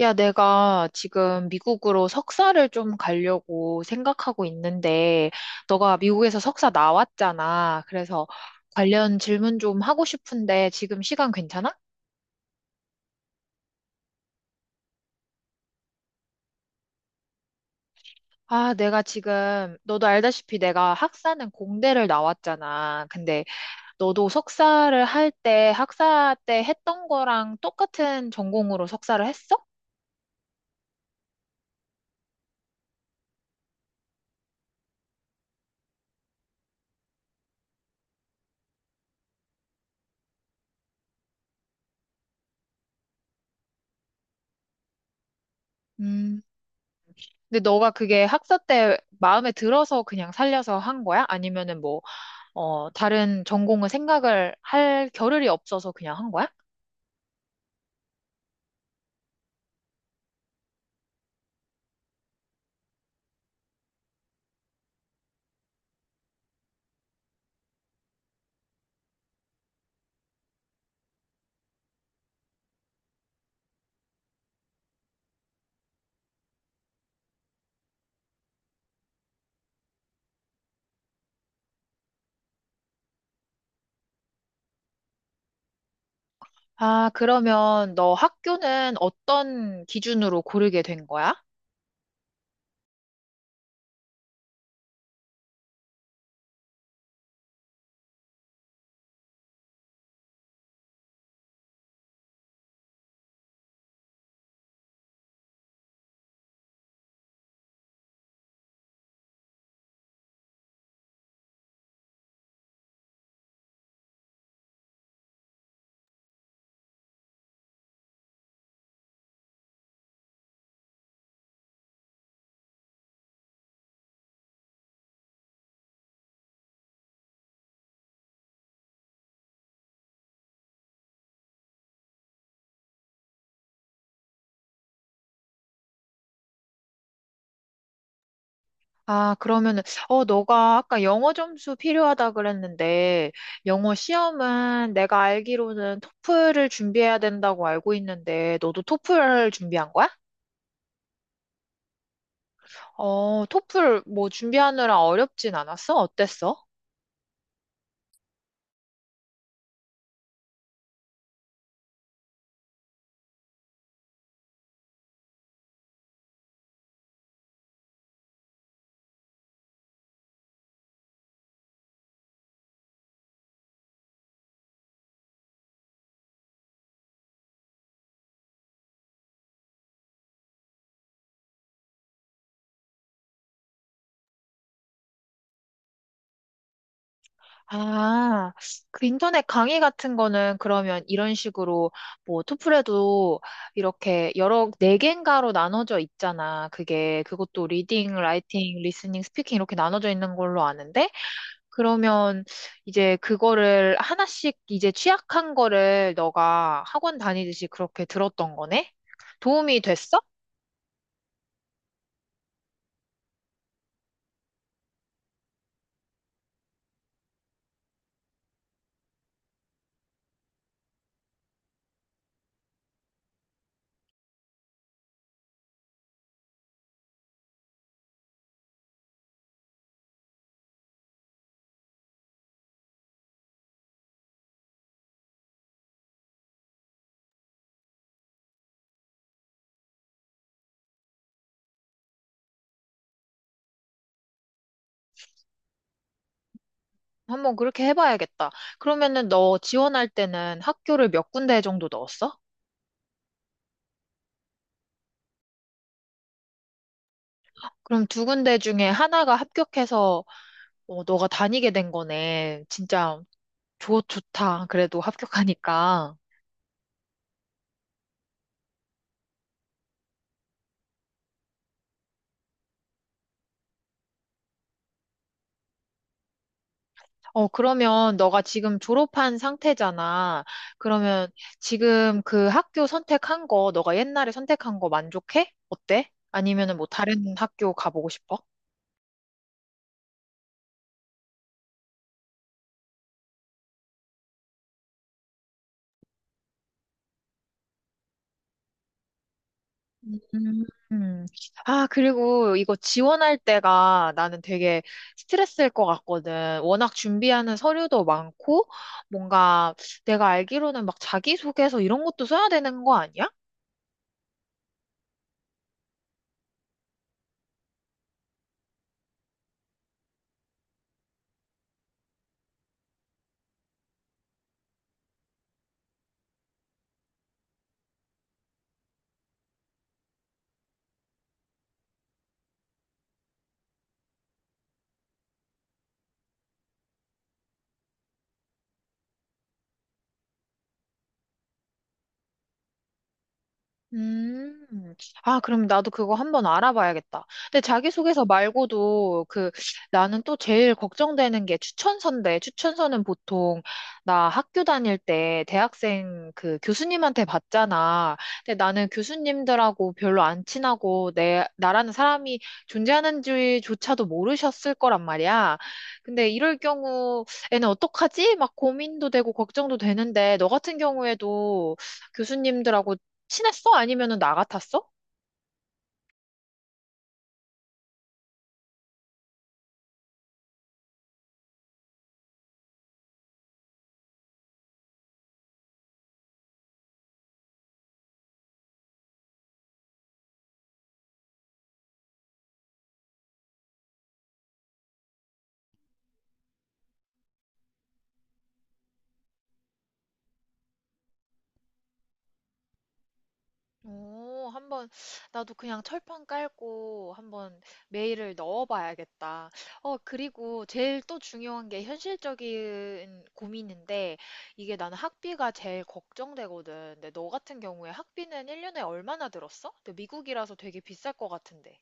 야, 내가 지금 미국으로 석사를 좀 가려고 생각하고 있는데, 너가 미국에서 석사 나왔잖아. 그래서 관련 질문 좀 하고 싶은데, 지금 시간 괜찮아? 아, 내가 지금, 너도 알다시피 내가 학사는 공대를 나왔잖아. 근데 너도 석사를 할 때, 학사 때 했던 거랑 똑같은 전공으로 석사를 했어? 음. 근데 너가 그게 학사 때 마음에 들어서 그냥 살려서 한 거야? 아니면은 뭐, 다른 전공을 생각을 할 겨를이 없어서 그냥 한 거야? 아, 그러면 너 학교는 어떤 기준으로 고르게 된 거야? 아, 그러면은, 너가 아까 영어 점수 필요하다 그랬는데, 영어 시험은 내가 알기로는 토플을 준비해야 된다고 알고 있는데, 너도 토플 준비한 거야? 어, 토플 뭐 준비하느라 어렵진 않았어? 어땠어? 아, 그 인터넷 강의 같은 거는 그러면 이런 식으로 뭐 토플에도 이렇게 여러 네 개인가로 나눠져 있잖아. 그게 그것도 리딩, 라이팅, 리스닝, 스피킹 이렇게 나눠져 있는 걸로 아는데 그러면 이제 그거를 하나씩 이제 취약한 거를 너가 학원 다니듯이 그렇게 들었던 거네? 도움이 됐어? 한번 그렇게 해봐야겠다. 그러면은 너 지원할 때는 학교를 몇 군데 정도 넣었어? 그럼 두 군데 중에 하나가 합격해서 어, 너가 다니게 된 거네. 진짜 좋다. 그래도 합격하니까. 어, 그러면 너가 지금 졸업한 상태잖아. 그러면 지금 그 학교 선택한 거, 너가 옛날에 선택한 거 만족해? 어때? 아니면은 뭐 다른 학교 가보고 싶어? 음. 아, 그리고 이거 지원할 때가 나는 되게 스트레스일 것 같거든. 워낙 준비하는 서류도 많고, 뭔가 내가 알기로는 막 자기소개서 이런 것도 써야 되는 거 아니야? 음. 아, 그럼 나도 그거 한번 알아봐야겠다. 근데 자기소개서 말고도 그 나는 또 제일 걱정되는 게 추천서인데, 추천서는 보통 나 학교 다닐 때 대학생 그 교수님한테 받잖아. 근데 나는 교수님들하고 별로 안 친하고 나라는 사람이 존재하는지조차도 모르셨을 거란 말이야. 근데 이럴 경우에는 어떡하지? 막 고민도 되고 걱정도 되는데, 너 같은 경우에도 교수님들하고 친했어? 아니면은 나 같았어? 오, 한번 나도 그냥 철판 깔고 한번 메일을 넣어봐야겠다. 어, 그리고 제일 또 중요한 게 현실적인 고민인데 이게 나는 학비가 제일 걱정되거든. 근데 너 같은 경우에 학비는 1년에 얼마나 들었어? 근데 미국이라서 되게 비쌀 것 같은데.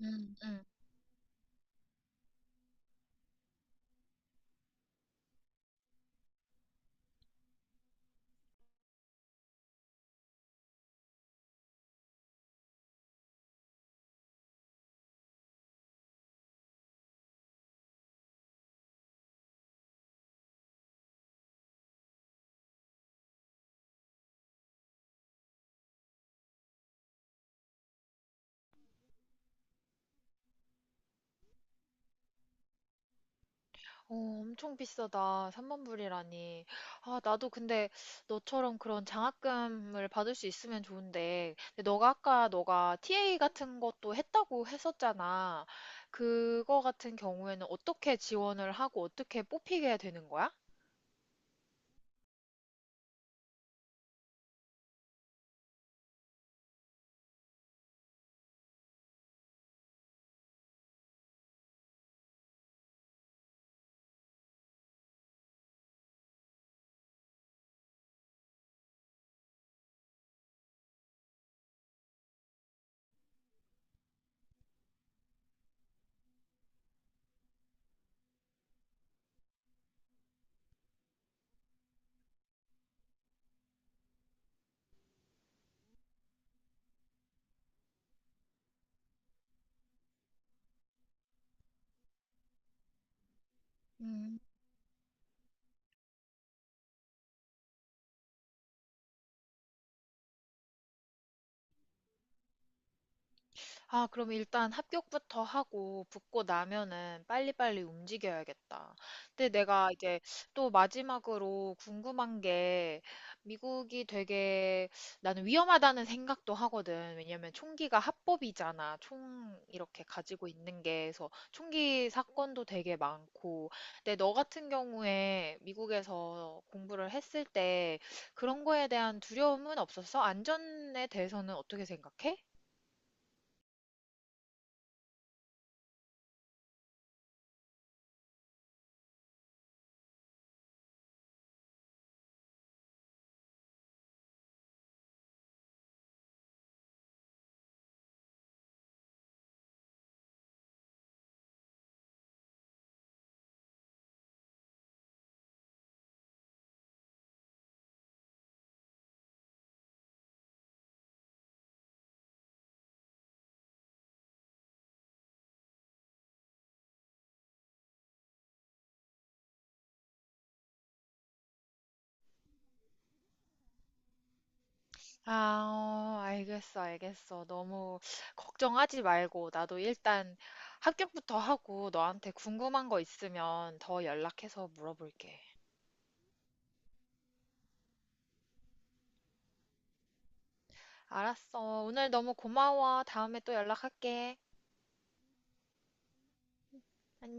음. 음. 어, 엄청 비싸다. 3만 불이라니. 아, 나도 근데 너처럼 그런 장학금을 받을 수 있으면 좋은데. 근데 너가 아까 너가 TA 같은 것도 했다고 했었잖아. 그거 같은 경우에는 어떻게 지원을 하고 어떻게 뽑히게 되는 거야? 음. 아, 그럼 일단 합격부터 하고 붙고 나면은 빨리빨리 움직여야겠다. 근데 내가 이제 또 마지막으로 궁금한 게 미국이 되게 나는 위험하다는 생각도 하거든. 왜냐면 총기가 합법이잖아. 총 이렇게 가지고 있는 게. 그래서 총기 사건도 되게 많고. 근데 너 같은 경우에 미국에서 공부를 했을 때 그런 거에 대한 두려움은 없었어? 안전에 대해서는 어떻게 생각해? 아, 어, 알겠어, 알겠어. 너무 걱정하지 말고, 나도 일단 합격부터 하고, 너한테 궁금한 거 있으면 더 연락해서 물어볼게. 알았어. 오늘 너무 고마워. 다음에 또 연락할게. 안녕.